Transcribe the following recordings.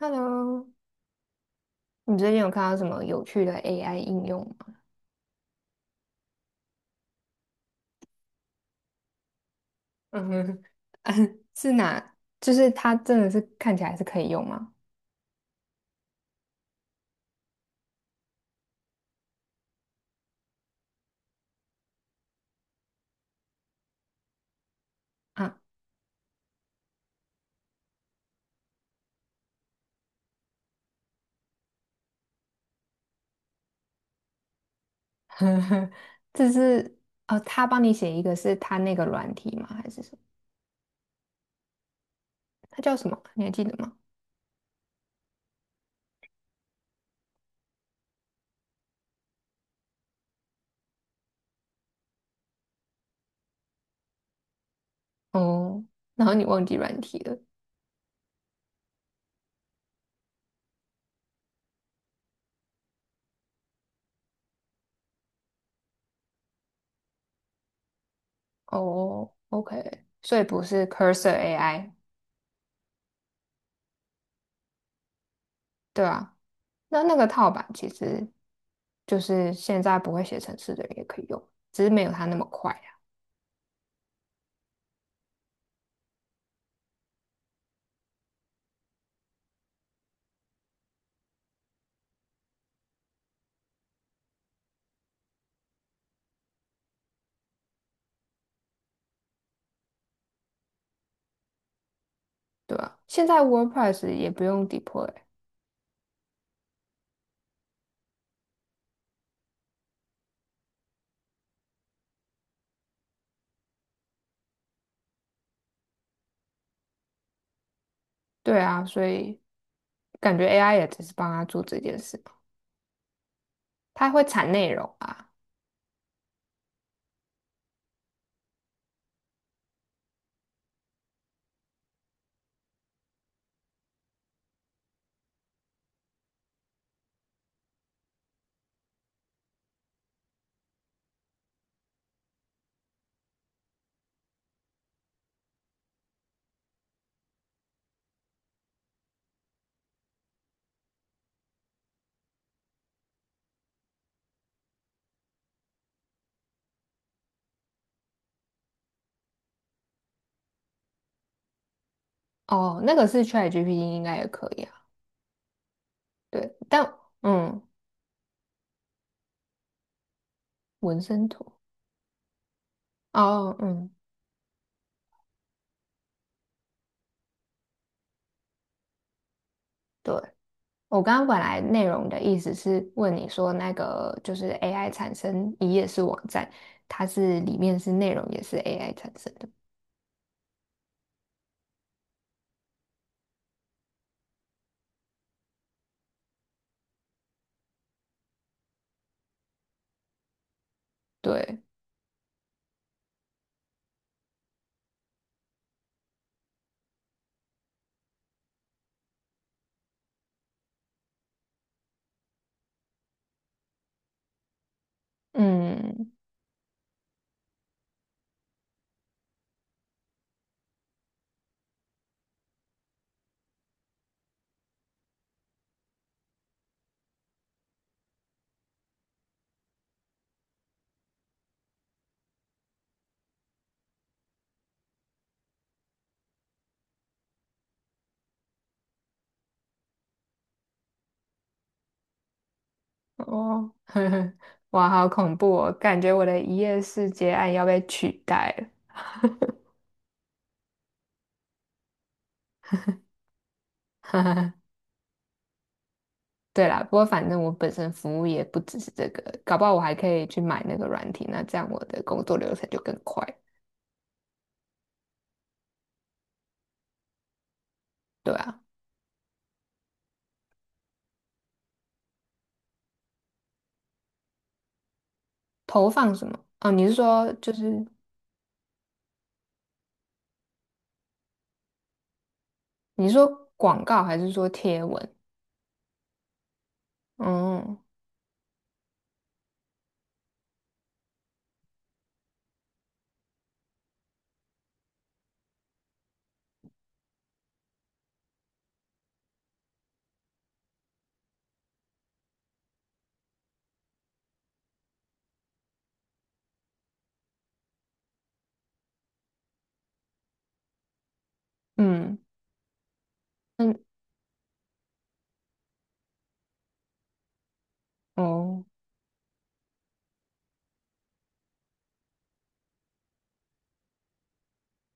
Hello,你最近有看到什么有趣的 AI 应用吗？嗯哼，嗯是哪？就是它真的是看起来是可以用吗？啊，这是哦，他帮你写一个是他那个软体吗？还是什么？他叫什么？你还记得吗？哦，然后你忘记软体了。哦，OK，所以不是 Cursor AI，对啊。那个套版其实就是现在不会写程式的人也可以用，只是没有它那么快。对啊，现在 WordPress 也不用 deploy，对啊，所以感觉 AI 也只是帮他做这件事嘛，它会产内容啊。哦，那个是 ChatGPT 应该也可以啊。对，但嗯，纹身图哦，嗯，对，我刚刚本来内容的意思是问你说那个就是 AI 产生一页是网站，它是里面是内容也是 AI 产生的，对，嗯。哦，呵呵，哇，好恐怖哦！感觉我的一夜式接案要被取代了。哈哈，对啦，不过反正我本身服务也不只是这个，搞不好我还可以去买那个软体，那这样我的工作流程就更快。对啊，投放什么？哦，你是说广告还是说贴文？哦，嗯嗯，哦，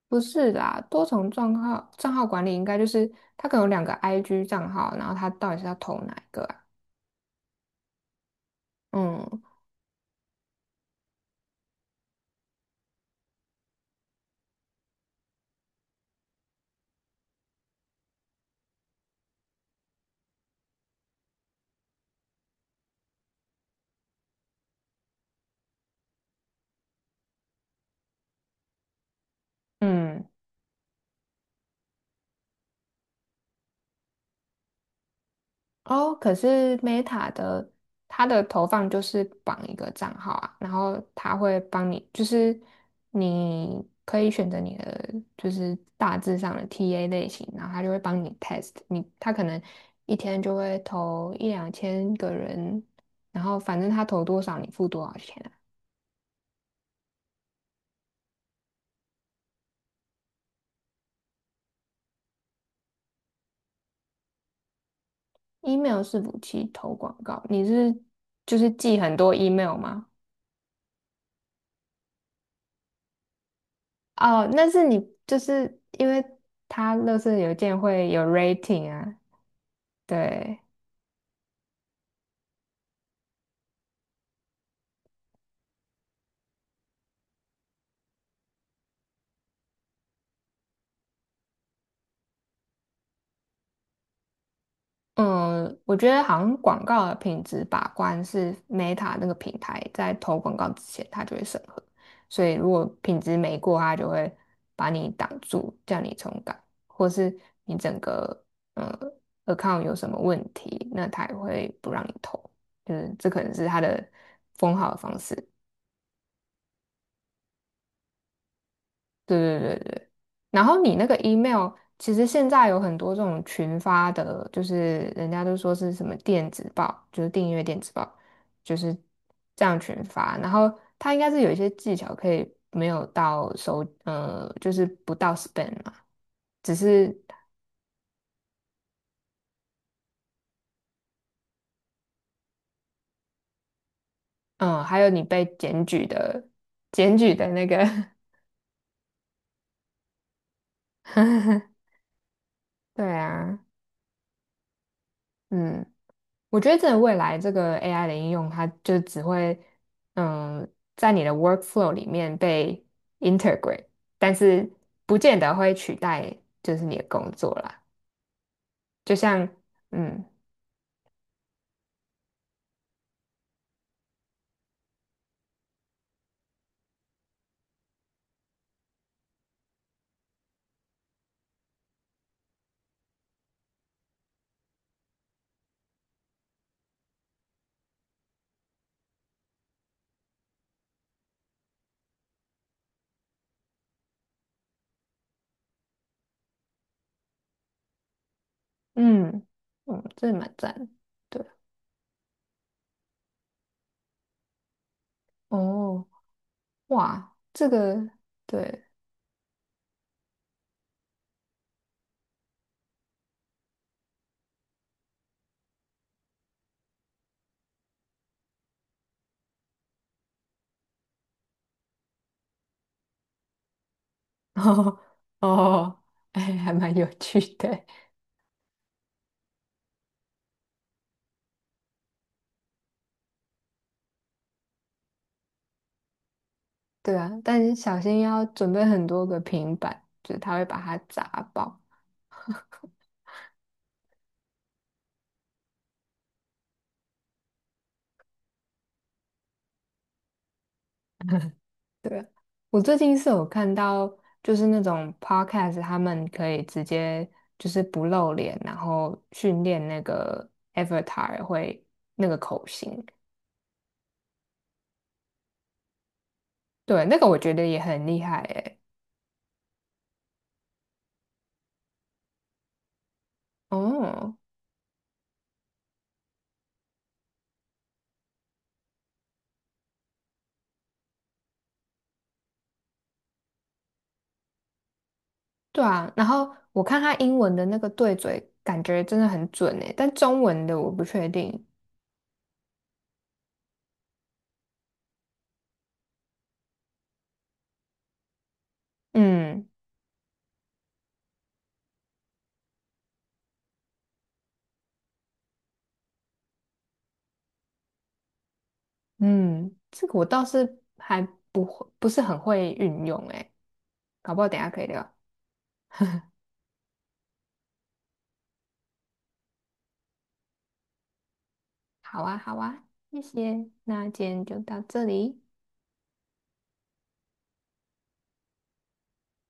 不是啦，多重账号管理应该就是它可能有两个 IG 账号，然后它到底是要投哪一个啊？嗯嗯。哦，可是 Meta 的它的投放就是绑一个账号啊，然后它会帮你，就是你可以选择你的就是大致上的 TA 类型，然后它就会帮你 test 你，它可能一天就会投一两千个人，然后反正它投多少你付多少钱啊。 email 是武器投广告，你是就是寄很多 email 吗？哦，那是你就是因为它乐圾邮件会有 rating 啊，对，嗯，我觉得好像广告的品质把关是 Meta 那个平台在投广告之前，它就会审核，所以如果品质没过，它就会把你挡住，叫你重改，或是你整个呃 account 有什么问题，那它也会不让你投，就是这可能是它的封号的方式。对对对对，然后你那个 email，其实现在有很多这种群发的，就是人家都说是什么电子报，就是订阅电子报，就是这样群发。然后它应该是有一些技巧可以没有到收，就是不到 spam 嘛，只是还有你被检举的，检举的那个 对啊，嗯。我觉得真的未来这个 AI 的应用，它就只会嗯，在你的 workflow 里面被 integrate，但是不见得会取代就是你的工作啦。就像嗯嗯嗯，这蛮赞的，对哦哇，这个对 哦哦，哎，还蛮有趣的，对啊，但是小心要准备很多个平板，就是它会把它砸爆。对，我最近是有看到，就是那种 podcast，他们可以直接就是不露脸，然后训练那个 avatar 会那个口型，对，那个我觉得也很厉害诶。哦，对啊，然后我看他英文的那个对嘴，感觉真的很准诶，但中文的我不确定。嗯嗯，这个我倒是还不会，不是很会运用诶，搞不好等一下可以聊。好啊，好啊，谢谢，那今天就到这里，